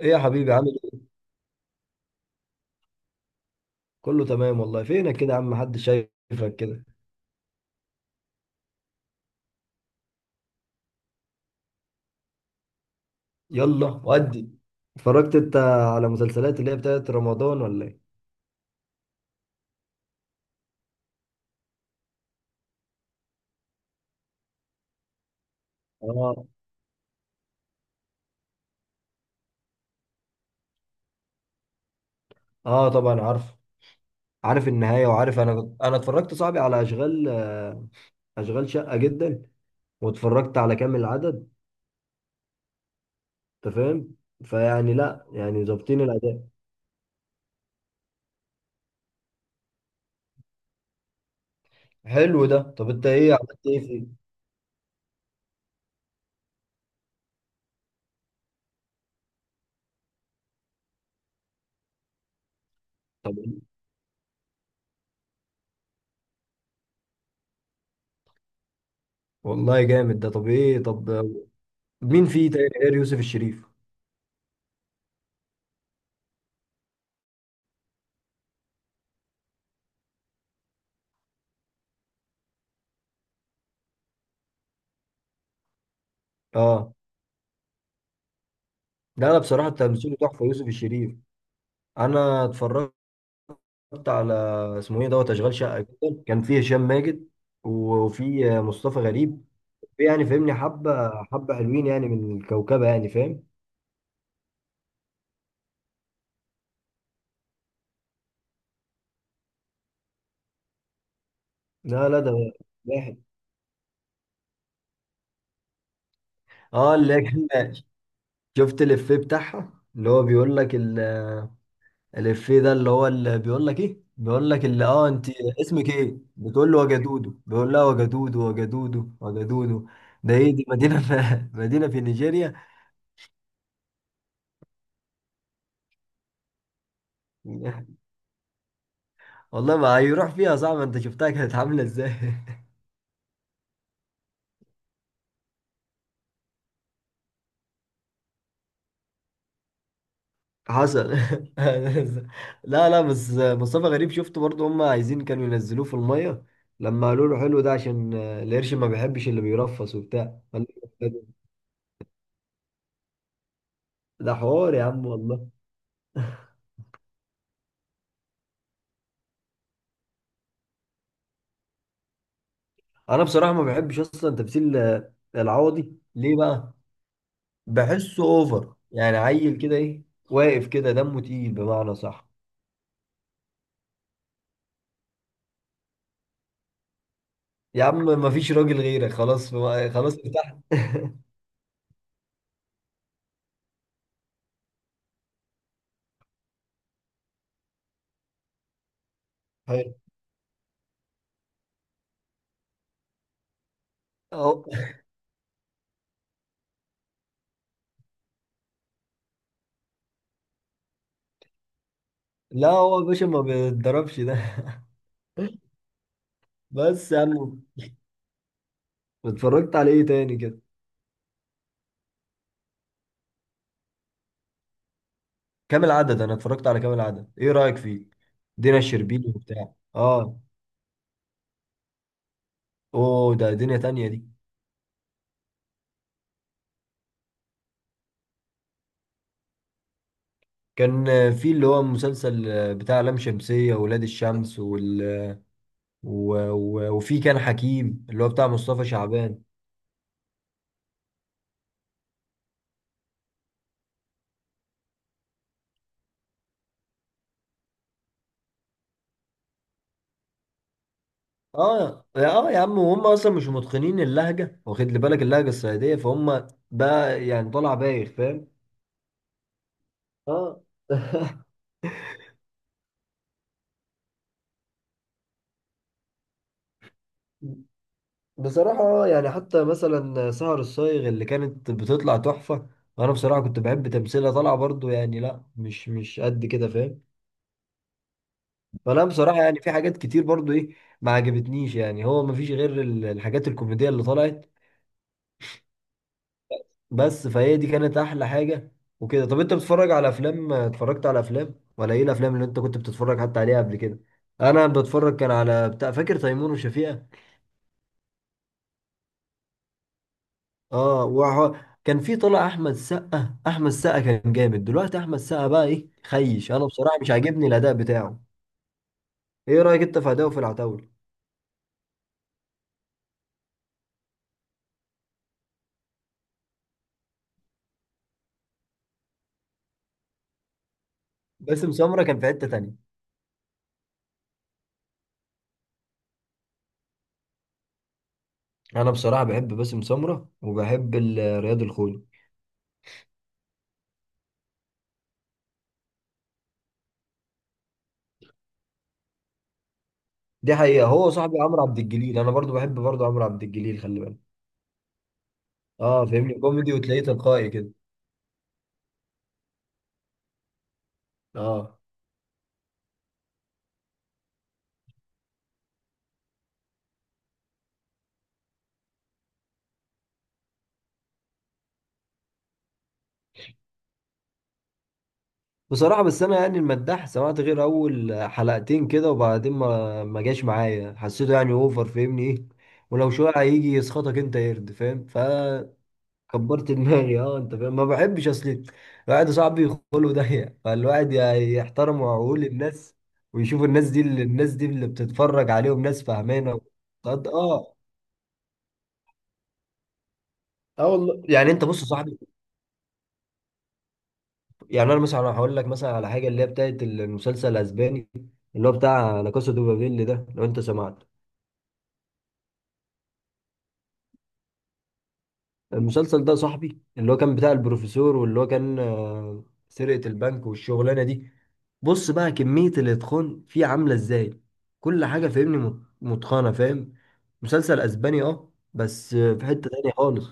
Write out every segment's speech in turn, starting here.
ايه يا حبيبي، عامل ايه؟ كله تمام والله. فينك كده يا عم؟ محدش شايفك كده. يلا ودي. اتفرجت انت على مسلسلات اللي هي بتاعت رمضان ولا ايه؟ اه. اه طبعا عارف. عارف النهاية وعارف انا اتفرجت صاحبي على اشغال شقة جدا. واتفرجت على كامل العدد. انت فاهم؟ فيعني لا يعني ظابطين الاداء. حلو ده. طب انت ايه عملت ايه فيه؟ طب والله جامد ده. طب ايه؟ طب مين فيه تاني غير يوسف الشريف؟ اه. لا لا، بصراحة تمثيله تحفة يوسف الشريف. انا اتفرجت على اسمه ايه دوت اشغال شقه جدا. كان فيه هشام ماجد وفي مصطفى غريب. في يعني فاهمني، حبه حبه حلوين يعني، من الكوكبه يعني فاهم. لا لا ده واحد. اه اللي هي كان. شفت الافيه بتاعها اللي هو بيقول لك الافيه ده؟ اللي هو اللي بيقول لك ايه، بيقول لك اللي اه انت اسمك ايه، بتقول له وجدودو، بيقول لها وجدودو وجدودو وجدودو. ده ايه دي، مدينه؟ في مدينه في نيجيريا. والله ما هيروح فيها، صعب. انت شفتها كانت عامله ازاي؟ حصل. لا لا، بس مصطفى غريب شفته برضه، هم عايزين كانوا ينزلوه في الميه لما قالوا له حلو ده عشان القرش ما بيحبش اللي بيرفس وبتاع، قال له ده حوار يا عم والله. انا بصراحه ما بحبش اصلا تمثيل العوضي. ليه بقى؟ بحسه اوفر يعني، عيل كده، ايه واقف كده دمه تقيل بمعنى صح. يا عم ما فيش راجل غيرك خلاص. خلاص ارتحت. حلو. لا هو يا باشا ما بيتضربش ده. بس يا عم، اتفرجت على ايه تاني كده؟ كامل عدد. انا اتفرجت على كامل عدد، ايه رأيك فيه؟ دينا الشربيني وبتاع اه. اوه ده دنيا تانية دي. كان في اللي هو المسلسل بتاع لام شمسية وولاد الشمس وفي كان حكيم اللي هو بتاع مصطفى شعبان. اه اه يا عم، وهم اصلا مش متقنين اللهجة، واخد لي بالك؟ اللهجة الصعيدية فهم بقى يعني طالع بايخ فاهم. اه. بصراحة، يعني حتى مثلا سهر الصايغ اللي كانت بتطلع تحفة وأنا بصراحة كنت بحب تمثيلها، طالعة برضو يعني لا، مش قد كده فاهم. فأنا بصراحة يعني في حاجات كتير برضو إيه ما عجبتنيش يعني. هو مفيش غير الحاجات الكوميدية اللي طلعت بس. فهي دي كانت أحلى حاجة وكده. طب أنت بتتفرج على أفلام؟ اتفرجت على أفلام ولا إيه؟ الأفلام اللي أنت كنت بتتفرج حتى عليها قبل كده؟ أنا بتفرج كان على بتاع، فاكر تيمور وشفيقة؟ اه وهو كان في طلع احمد السقا. احمد السقا كان جامد. دلوقتي احمد السقا بقى ايه خيش، انا بصراحه مش عاجبني الاداء بتاعه. ايه رايك انت في اداؤه في العتاوله؟ باسم سمره كان في حته تانية. انا بصراحه بحب باسم سمره وبحب رياض الخولي. دي حقيقه. هو صاحبي عمرو عبد الجليل، انا برضو بحب برضو عمرو عبد الجليل، خلي بالك. اه فاهمني، كوميدي وتلاقيه تلقائي كده. اه بصراحة، بس أنا يعني المداح سمعت غير أول حلقتين كده وبعدين ما جاش معايا. حسيته يعني أوفر فاهمني إيه، ولو شوية هيجي يسخطك أنت، يرد فاهم. فكبرت دماغي. أه أنت فاهم؟ ما بحبش أصل الواحد صاحبي خلقه ضيق. فالواحد يحترم عقول الناس ويشوف الناس دي اللي بتتفرج عليهم ناس فاهمانة. أه. اه والله، يعني انت بص يا صاحبي، يعني انا مثلا هقول لك مثلا على حاجه اللي هي بتاعت المسلسل الاسباني اللي هو بتاع لا كاسا دو بابيل ده. لو انت سمعت المسلسل ده صاحبي، اللي هو كان بتاع البروفيسور واللي هو كان سرقة البنك والشغلانة دي، بص بقى كمية الإتقان فيه عاملة إزاي. كل حاجة فاهمني متقنة فاهم. مسلسل أسباني أه، بس في حتة تانية خالص.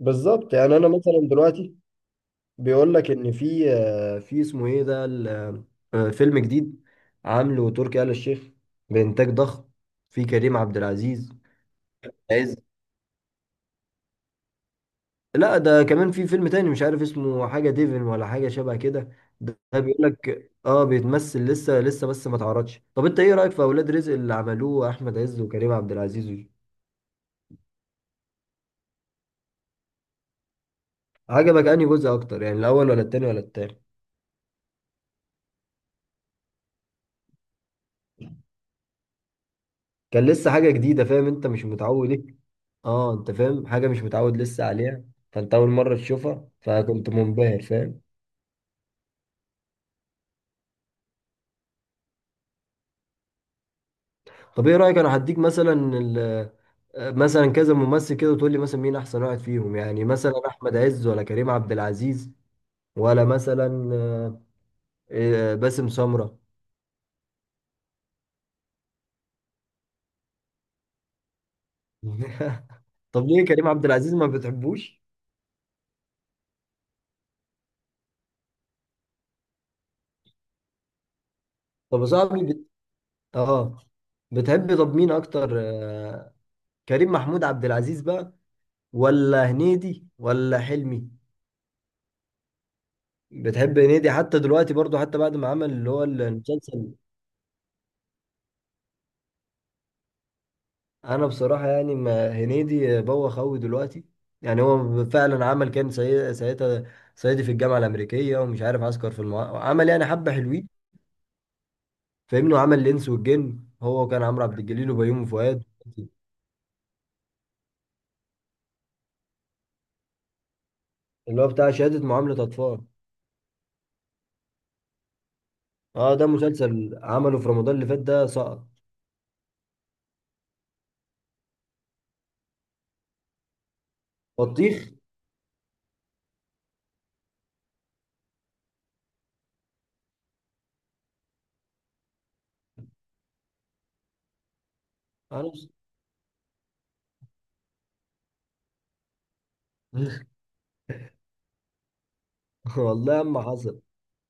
بالظبط، يعني انا مثلا دلوقتي بيقول لك ان في في اسمه ايه ده فيلم جديد عامله تركي آل الشيخ، بانتاج ضخم، في كريم عبد العزيز، عز. لا ده كمان في فيلم تاني مش عارف اسمه، حاجة ديفن ولا حاجة شبه كده. ده بيقول لك اه بيتمثل لسه لسه، بس ما اتعرضش. طب انت ايه رأيك في اولاد رزق اللي عملوه احمد عز وكريم عبد العزيز؟ عجبك انهي جزء اكتر؟ يعني الاول ولا التاني كان لسه حاجة جديدة فاهم، انت مش متعود ايه. اه انت فاهم، حاجة مش متعود لسه عليها، فانت اول مرة تشوفها فكنت منبهر فاهم. طب ايه رأيك، انا هديك مثلا مثلا كذا ممثل كده وتقول لي مثلا مين احسن واحد فيهم، يعني مثلا احمد عز ولا كريم عبد العزيز، ولا مثلا باسم سمرة. طب ليه كريم عبد العزيز ما بتحبوش؟ طب يا صاحبي اه بتحب. طب مين اكتر، كريم محمود عبد العزيز بقى ولا هنيدي ولا حلمي؟ بتحب هنيدي حتى دلوقتي برضو؟ حتى بعد ما عمل اللي هو المسلسل؟ انا بصراحه يعني ما، هنيدي بوخ قوي دلوقتي. يعني هو فعلا عمل، كان ساعتها صعيدي في الجامعه الامريكيه ومش عارف عسكر في المعارف. عمل يعني حبه حلوين فاهمني، وعمل الانس والجن هو وكان عمرو عبد الجليل وبيومي فؤاد. اللي هو بتاع شهاده معامله اطفال؟ اه ده مسلسل عمله في رمضان اللي فات، ده سقط بطيخ. انا والله ما حصل.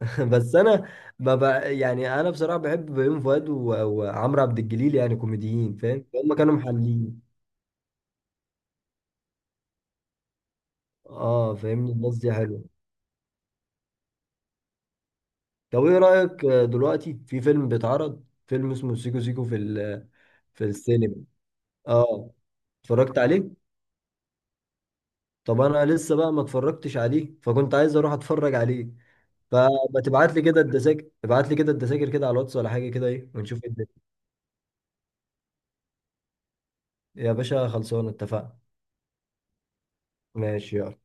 بس انا ما بقى يعني. انا بصراحه بحب بيومي فؤاد وعمرو عبد الجليل، يعني كوميديين فاهم، هم كانوا محللين. اه فاهمني، الناس دي حلوه. طب ايه رايك دلوقتي في فيلم بيتعرض، فيلم اسمه سيكو سيكو في في السينما؟ اه اتفرجت عليه. طب انا لسه بقى ما اتفرجتش عليه فكنت عايز اروح اتفرج عليه، فما تبعت لي كده الدساكر، ابعت لي كده الدساكر كده على الواتس ولا حاجه كده ايه، ونشوف ايه الدنيا. يا باشا خلصانه اتفقنا. ماشي يلا.